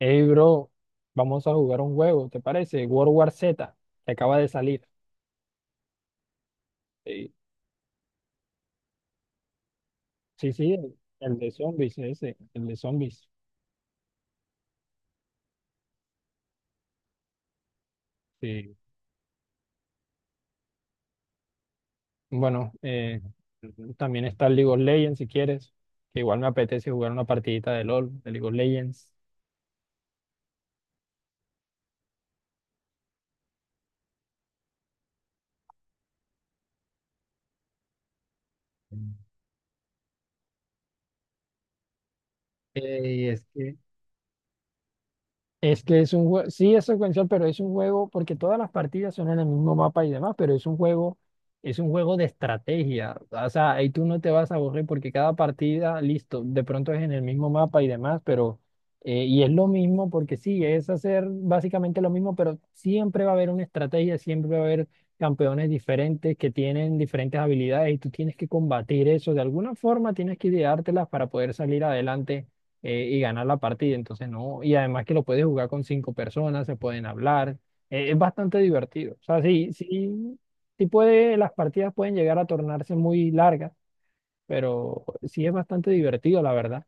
Hey, bro, vamos a jugar un juego, ¿te parece? World War Z, que acaba de salir. Sí, sí, sí, el de zombies, ese, el de zombies. Sí. Bueno, eh, también está el League of Legends, si quieres, que igual me apetece jugar una partidita de LOL, de League of Legends. Mm. Eh, y es que Es que es un juego, sí es secuencial, pero es un juego, porque todas las partidas son en el mismo mapa y demás, pero es un juego de estrategia. O sea, ahí tú no te vas a aburrir porque cada partida, listo, de pronto es en el mismo mapa y demás, pero, y es lo mismo porque sí, es hacer básicamente lo mismo, pero siempre va a haber una estrategia, siempre va a haber campeones diferentes que tienen diferentes habilidades y tú tienes que combatir eso. De alguna forma tienes que ideártelas para poder salir adelante y ganar la partida. Entonces, no. Y además que lo puedes jugar con 5 personas, se pueden hablar. Es bastante divertido. O sea, sí, sí, sí puede, las partidas pueden llegar a tornarse muy largas, pero sí es bastante divertido, la verdad.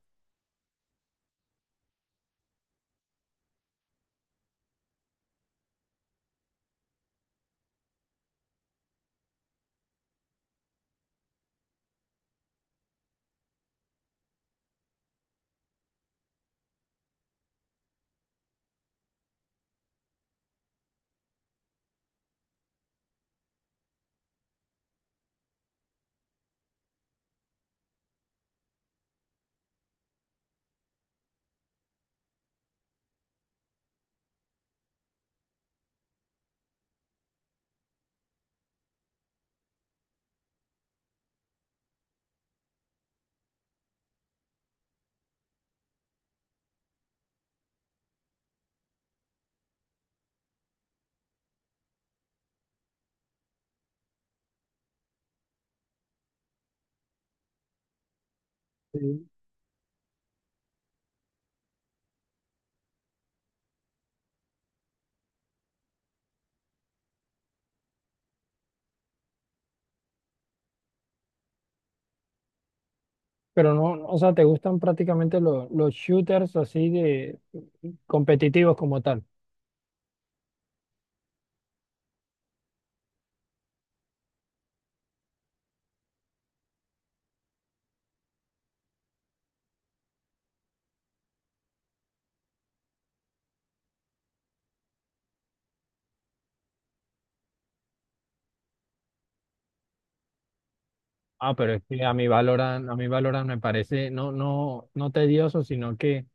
Sí. Pero no, no, o sea, te gustan prácticamente los shooters así de competitivos como tal. Ah, pero es que a mí Valorant me parece no, no, no tedioso, sino que,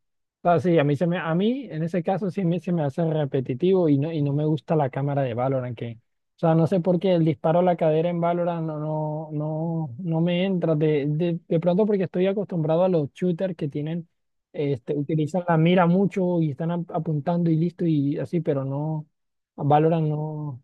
o sea, sí, a mí se me, a mí en ese caso sí me, se me hace repetitivo y no me gusta la cámara de Valorant, que, o sea, no sé por qué el disparo a la cadera en Valorant no, no, no, no me entra, de pronto porque estoy acostumbrado a los shooters que tienen, este, utilizan la mira mucho y están apuntando y listo y así, pero no, a Valorant no,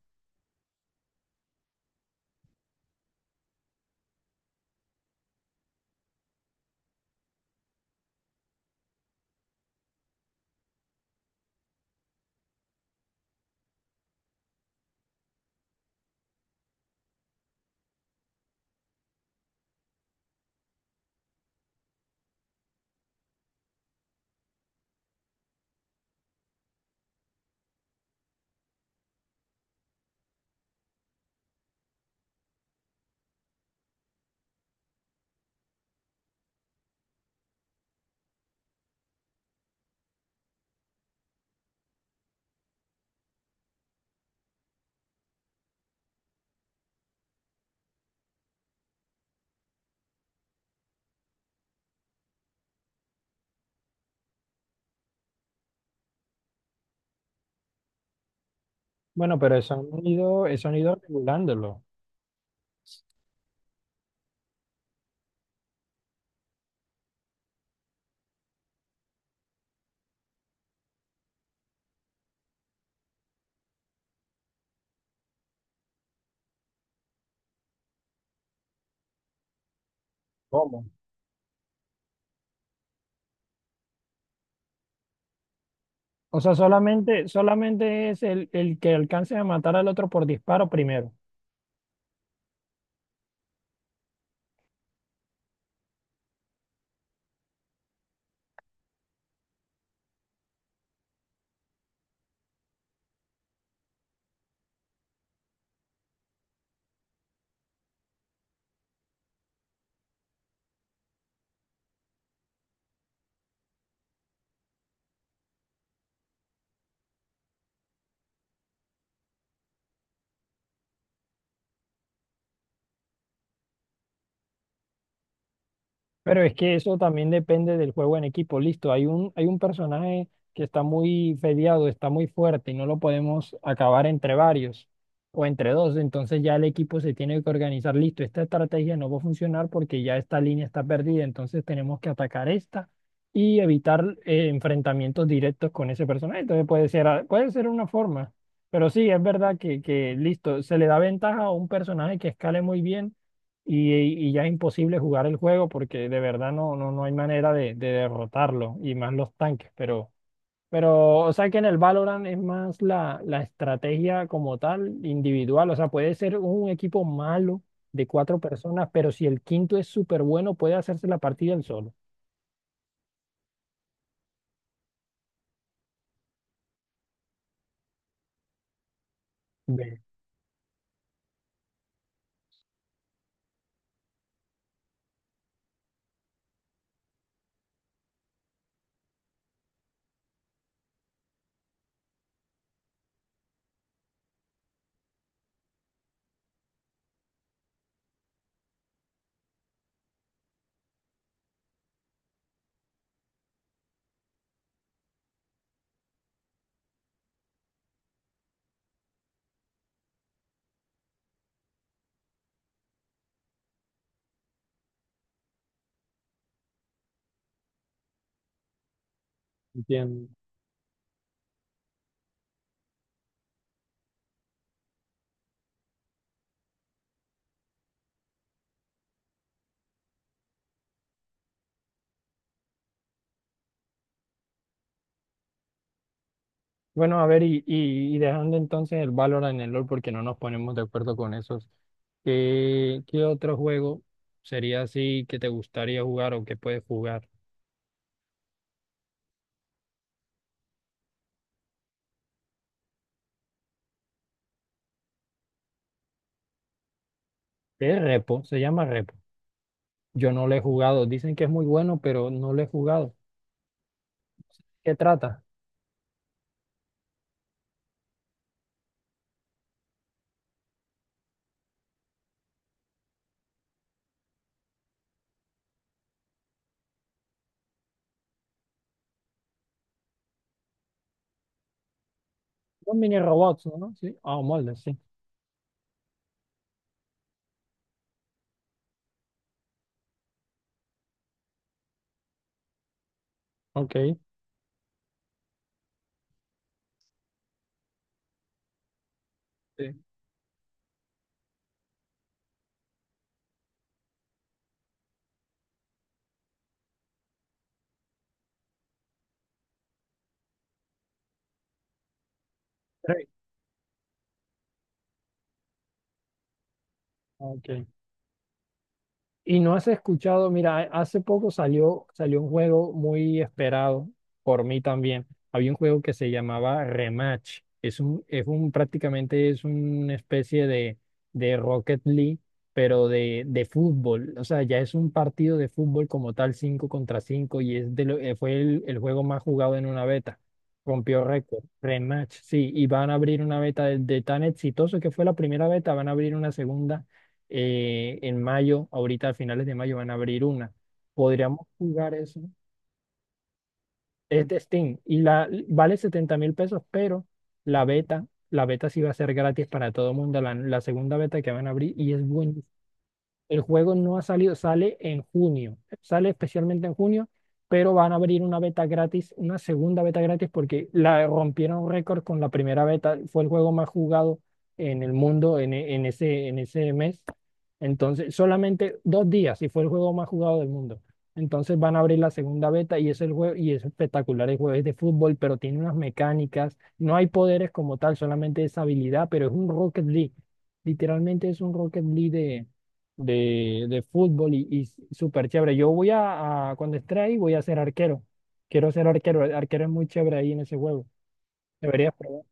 bueno, pero eso han ido regulándolo. ¿Cómo? O sea, solamente, solamente es el que alcance a matar al otro por disparo primero. Pero es que eso también depende del juego en equipo. Listo, hay un personaje que está muy peleado, está muy fuerte y no lo podemos acabar entre varios o entre dos. Entonces ya el equipo se tiene que organizar. Listo, esta estrategia no va a funcionar porque ya esta línea está perdida. Entonces tenemos que atacar esta y evitar enfrentamientos directos con ese personaje. Entonces puede ser, puede ser una forma. Pero sí, es verdad que listo, se le da ventaja a un personaje que escale muy bien y, y ya es imposible jugar el juego porque de verdad no, no, no hay manera de derrotarlo y más los tanques, pero o sea que en el Valorant es más la, la estrategia como tal, individual, o sea, puede ser un equipo malo de cuatro personas, pero si el quinto es súper bueno, puede hacerse la partida él solo. Ve. Entiendo. Bueno, a ver, y dejando entonces el Valorant en el LoL porque no nos ponemos de acuerdo con esos, ¿qué, qué otro juego sería así que te gustaría jugar o que puedes jugar? Es Repo, se llama Repo. Yo no lo he jugado, dicen que es muy bueno, pero no lo he jugado. ¿Qué trata? Son mini robots, ¿no? Sí, ah, moldes, sí. Ok. Sí. Tre- Ok. Y no has escuchado, mira, hace poco salió, salió un juego muy esperado por mí también. Había un juego que se llamaba Rematch. Prácticamente es una especie de Rocket League, pero de fútbol. O sea, ya es un partido de fútbol como tal, 5 contra 5 y es fue el juego más jugado en una beta. Rompió récord. Rematch, sí. Y van a abrir una beta de tan exitoso que fue la primera beta, van a abrir una segunda en mayo, ahorita a finales de mayo van a abrir una. Podríamos jugar eso. Es de Steam y la vale 70.000 pesos, pero la beta sí va a ser gratis para todo el mundo, la segunda beta que van a abrir y es buena. El juego no ha salido, sale en junio, sale especialmente en junio, pero van a abrir una beta gratis, una segunda beta gratis, porque la rompieron récord con la primera beta. Fue el juego más jugado en el mundo en, en ese mes. Entonces, solamente 2 días y fue el juego más jugado del mundo. Entonces van a abrir la segunda beta y es el juego y es espectacular el juego, es de fútbol, pero tiene unas mecánicas, no hay poderes como tal, solamente es habilidad, pero es un Rocket League. Literalmente es un Rocket League de fútbol y súper chévere. Yo voy a, cuando esté ahí, voy a ser arquero. Quiero ser arquero. El arquero es muy chévere ahí en ese juego. Deberías probar.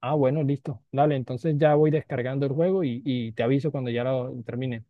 Ah, bueno, listo. Dale, entonces ya voy descargando el juego y te aviso cuando ya lo termine.